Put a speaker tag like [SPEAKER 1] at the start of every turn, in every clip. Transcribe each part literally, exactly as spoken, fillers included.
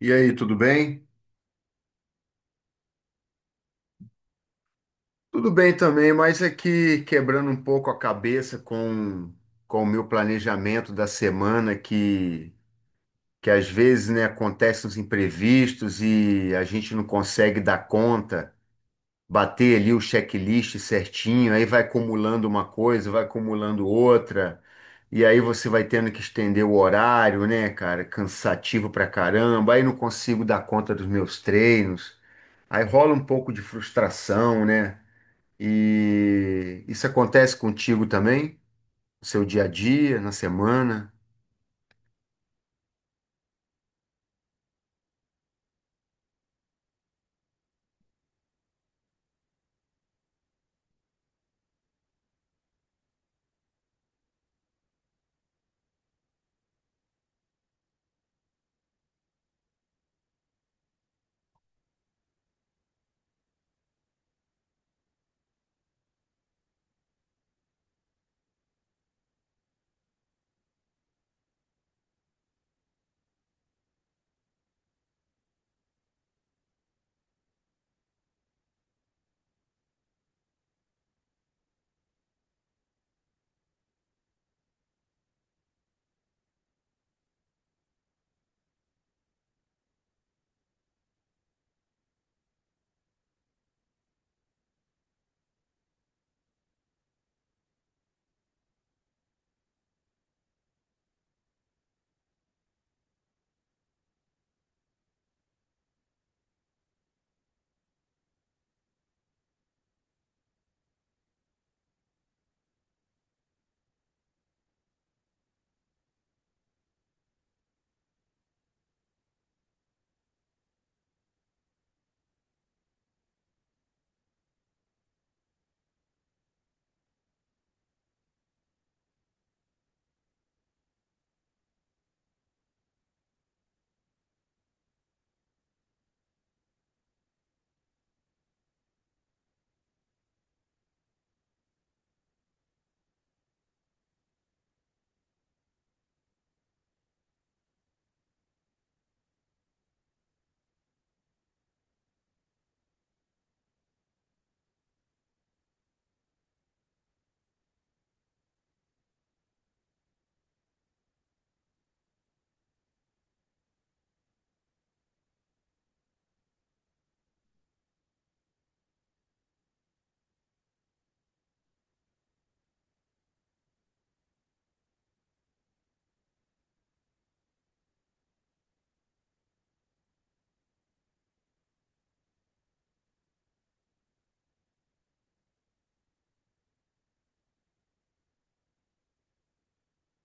[SPEAKER 1] E aí, tudo bem? Tudo bem também, mas aqui quebrando um pouco a cabeça com, com o meu planejamento da semana, que, que às vezes, né, acontecem os imprevistos e a gente não consegue dar conta, bater ali o checklist certinho, aí vai acumulando uma coisa, vai acumulando outra, e aí você vai tendo que estender o horário, né, cara? Cansativo pra caramba, aí não consigo dar conta dos meus treinos, aí rola um pouco de frustração, né? E isso acontece contigo também, no seu dia a dia, na semana?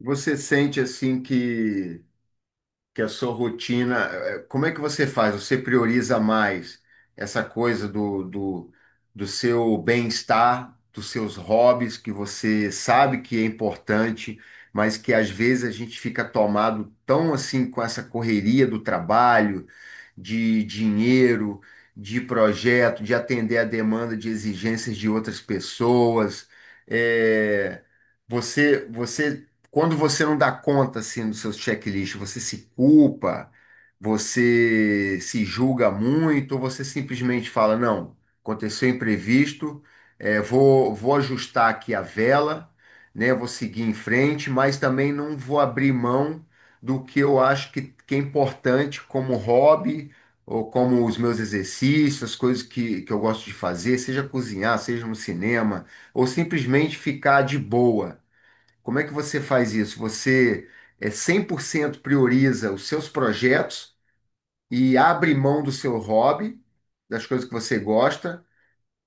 [SPEAKER 1] Você sente assim que que a sua rotina, eh, eh, como é que você faz? Você prioriza mais essa coisa do, do, do seu bem-estar, dos seus hobbies, que você sabe que é importante, mas que às vezes a gente fica tomado tão assim com essa correria do trabalho, de dinheiro, de projeto, de atender a demanda de exigências de outras pessoas. Eh, você, você quando você não dá conta assim dos seus checklists, você se culpa, você se julga muito, ou você simplesmente fala, não, aconteceu imprevisto, é, vou, vou ajustar aqui a vela, né? Vou seguir em frente, mas também não vou abrir mão do que eu acho que, que é importante como hobby, ou como os meus exercícios, as coisas que, que eu gosto de fazer, seja cozinhar, seja no cinema, ou simplesmente ficar de boa. Como é que você faz isso? Você é cem por cento prioriza os seus projetos e abre mão do seu hobby, das coisas que você gosta,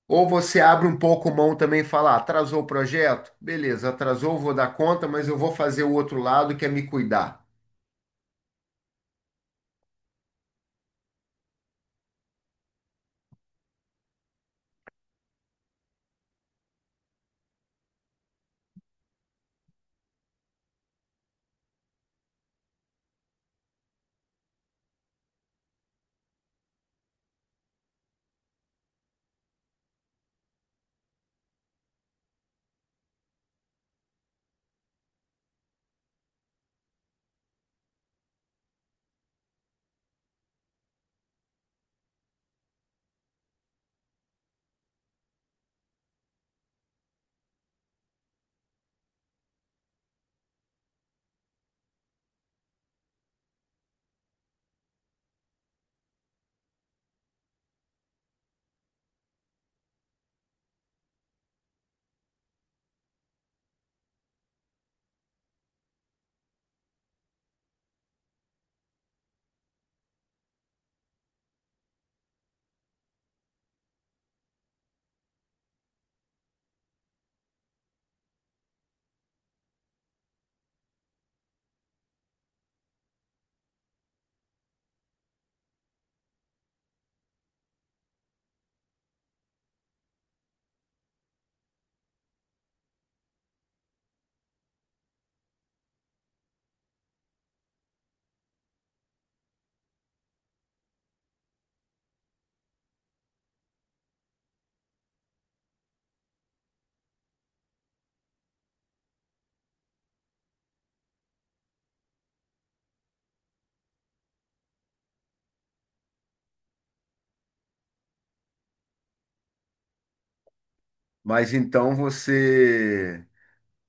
[SPEAKER 1] ou você abre um pouco mão também e fala, "Ah, atrasou o projeto? Beleza, atrasou, vou dar conta, mas eu vou fazer o outro lado que é me cuidar." Mas então você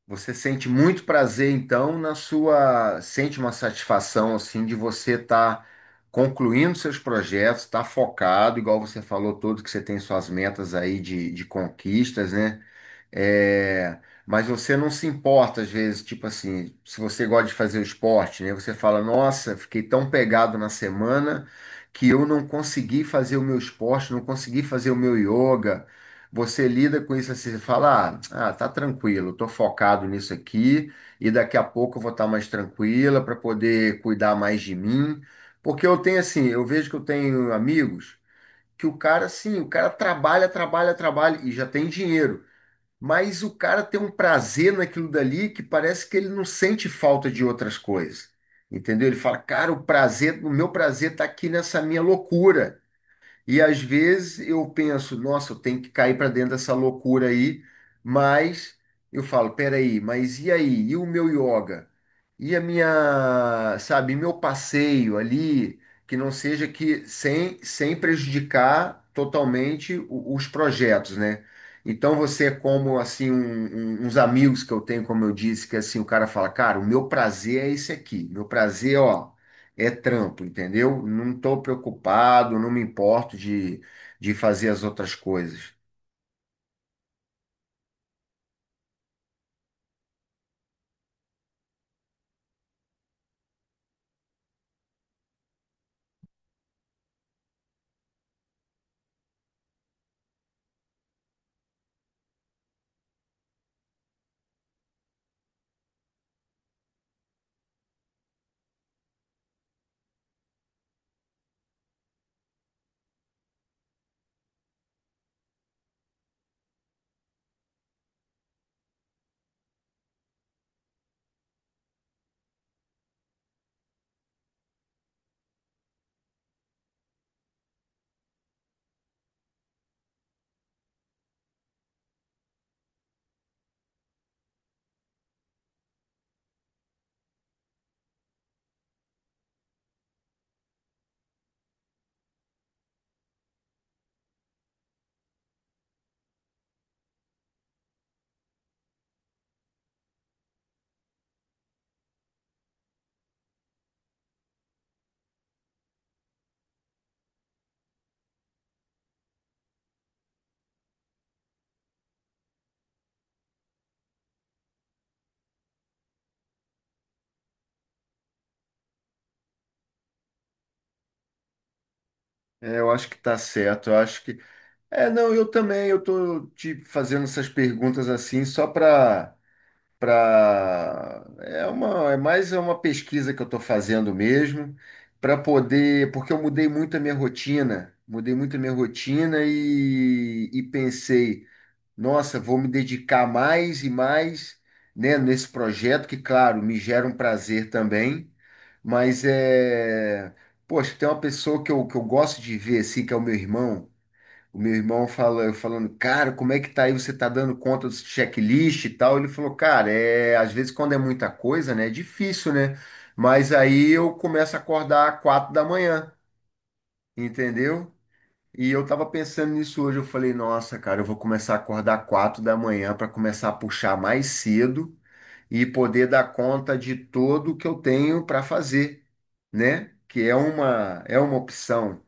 [SPEAKER 1] Você sente muito prazer, então, na sua. Sente uma satisfação, assim, de você estar concluindo seus projetos, estar focado, igual você falou todo, que você tem suas metas aí de, de conquistas, né? É, mas você não se importa, às vezes, tipo assim, se você gosta de fazer o esporte, né? Você fala, nossa, fiquei tão pegado na semana que eu não consegui fazer o meu esporte, não consegui fazer o meu yoga. Você lida com isso assim, você fala, ah, ah, tá tranquilo, tô focado nisso aqui e daqui a pouco eu vou estar mais tranquila para poder cuidar mais de mim. Porque eu tenho assim, eu vejo que eu tenho amigos que o cara, assim, o cara trabalha, trabalha, trabalha e já tem dinheiro, mas o cara tem um prazer naquilo dali que parece que ele não sente falta de outras coisas. Entendeu? Ele fala, cara, o prazer, o meu prazer tá aqui nessa minha loucura. E às vezes eu penso, nossa, eu tenho que cair para dentro dessa loucura aí, mas eu falo, peraí, mas e aí? E o meu yoga? E a minha, sabe, meu passeio ali, que não seja que sem, sem prejudicar totalmente o- os projetos, né? Então você é como assim um- um- uns amigos que eu tenho, como eu disse, que assim o cara fala, cara, o meu prazer é esse aqui, meu prazer, ó. É trampo, entendeu? Não estou preocupado, não me importo de, de fazer as outras coisas. É, eu acho que tá certo. Eu acho que. É, não, eu também. Eu tô te fazendo essas perguntas assim só para para é uma é mais é uma pesquisa que eu estou fazendo mesmo para poder porque eu mudei muito a minha rotina, mudei muito a minha rotina e, e pensei, nossa, vou me dedicar mais e mais, né, nesse projeto que, claro, me gera um prazer também, mas é, poxa, tem uma pessoa que eu, que eu gosto de ver assim, que é o meu irmão. O meu irmão fala, eu falando, cara, como é que tá aí? Você tá dando conta dos checklist e tal? Ele falou, cara, é, às vezes quando é muita coisa, né, é difícil, né? Mas aí eu começo a acordar às quatro da manhã, entendeu? E eu tava pensando nisso hoje, eu falei, nossa, cara, eu vou começar a acordar quatro da manhã para começar a puxar mais cedo e poder dar conta de tudo que eu tenho para fazer, né? Que é uma é uma opção.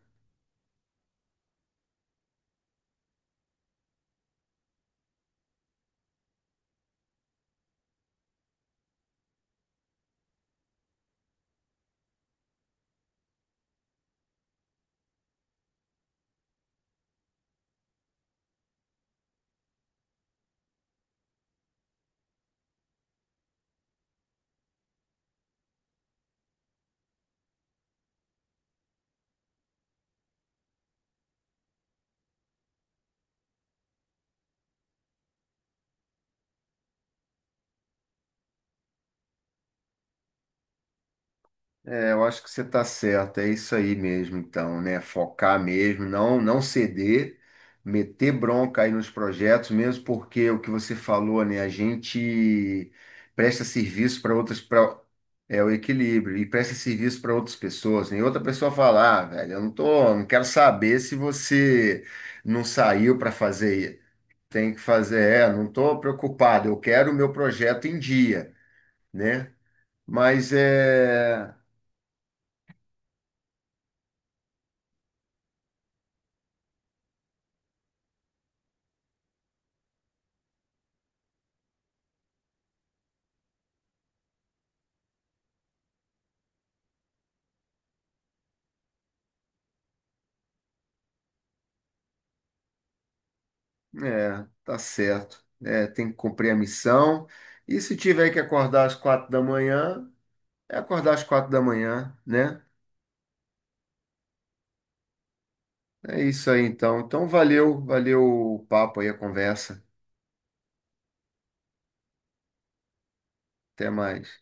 [SPEAKER 1] É, eu acho que você está certo, é isso aí mesmo, então, né? Focar mesmo, não, não ceder, meter bronca aí nos projetos, mesmo porque o que você falou, né? A gente presta serviço para outras, para é o equilíbrio e presta serviço para outras pessoas, né? E outra pessoa fala, ah, velho, eu não tô, não quero saber se você não saiu para fazer, tem que fazer, é, não tô preocupado, eu quero o meu projeto em dia, né? Mas é. É, tá certo. É, tem que cumprir a missão. E se tiver que acordar às quatro da manhã, é acordar às quatro da manhã, né? É isso aí, então. Então, valeu, valeu o papo aí, a conversa. Até mais.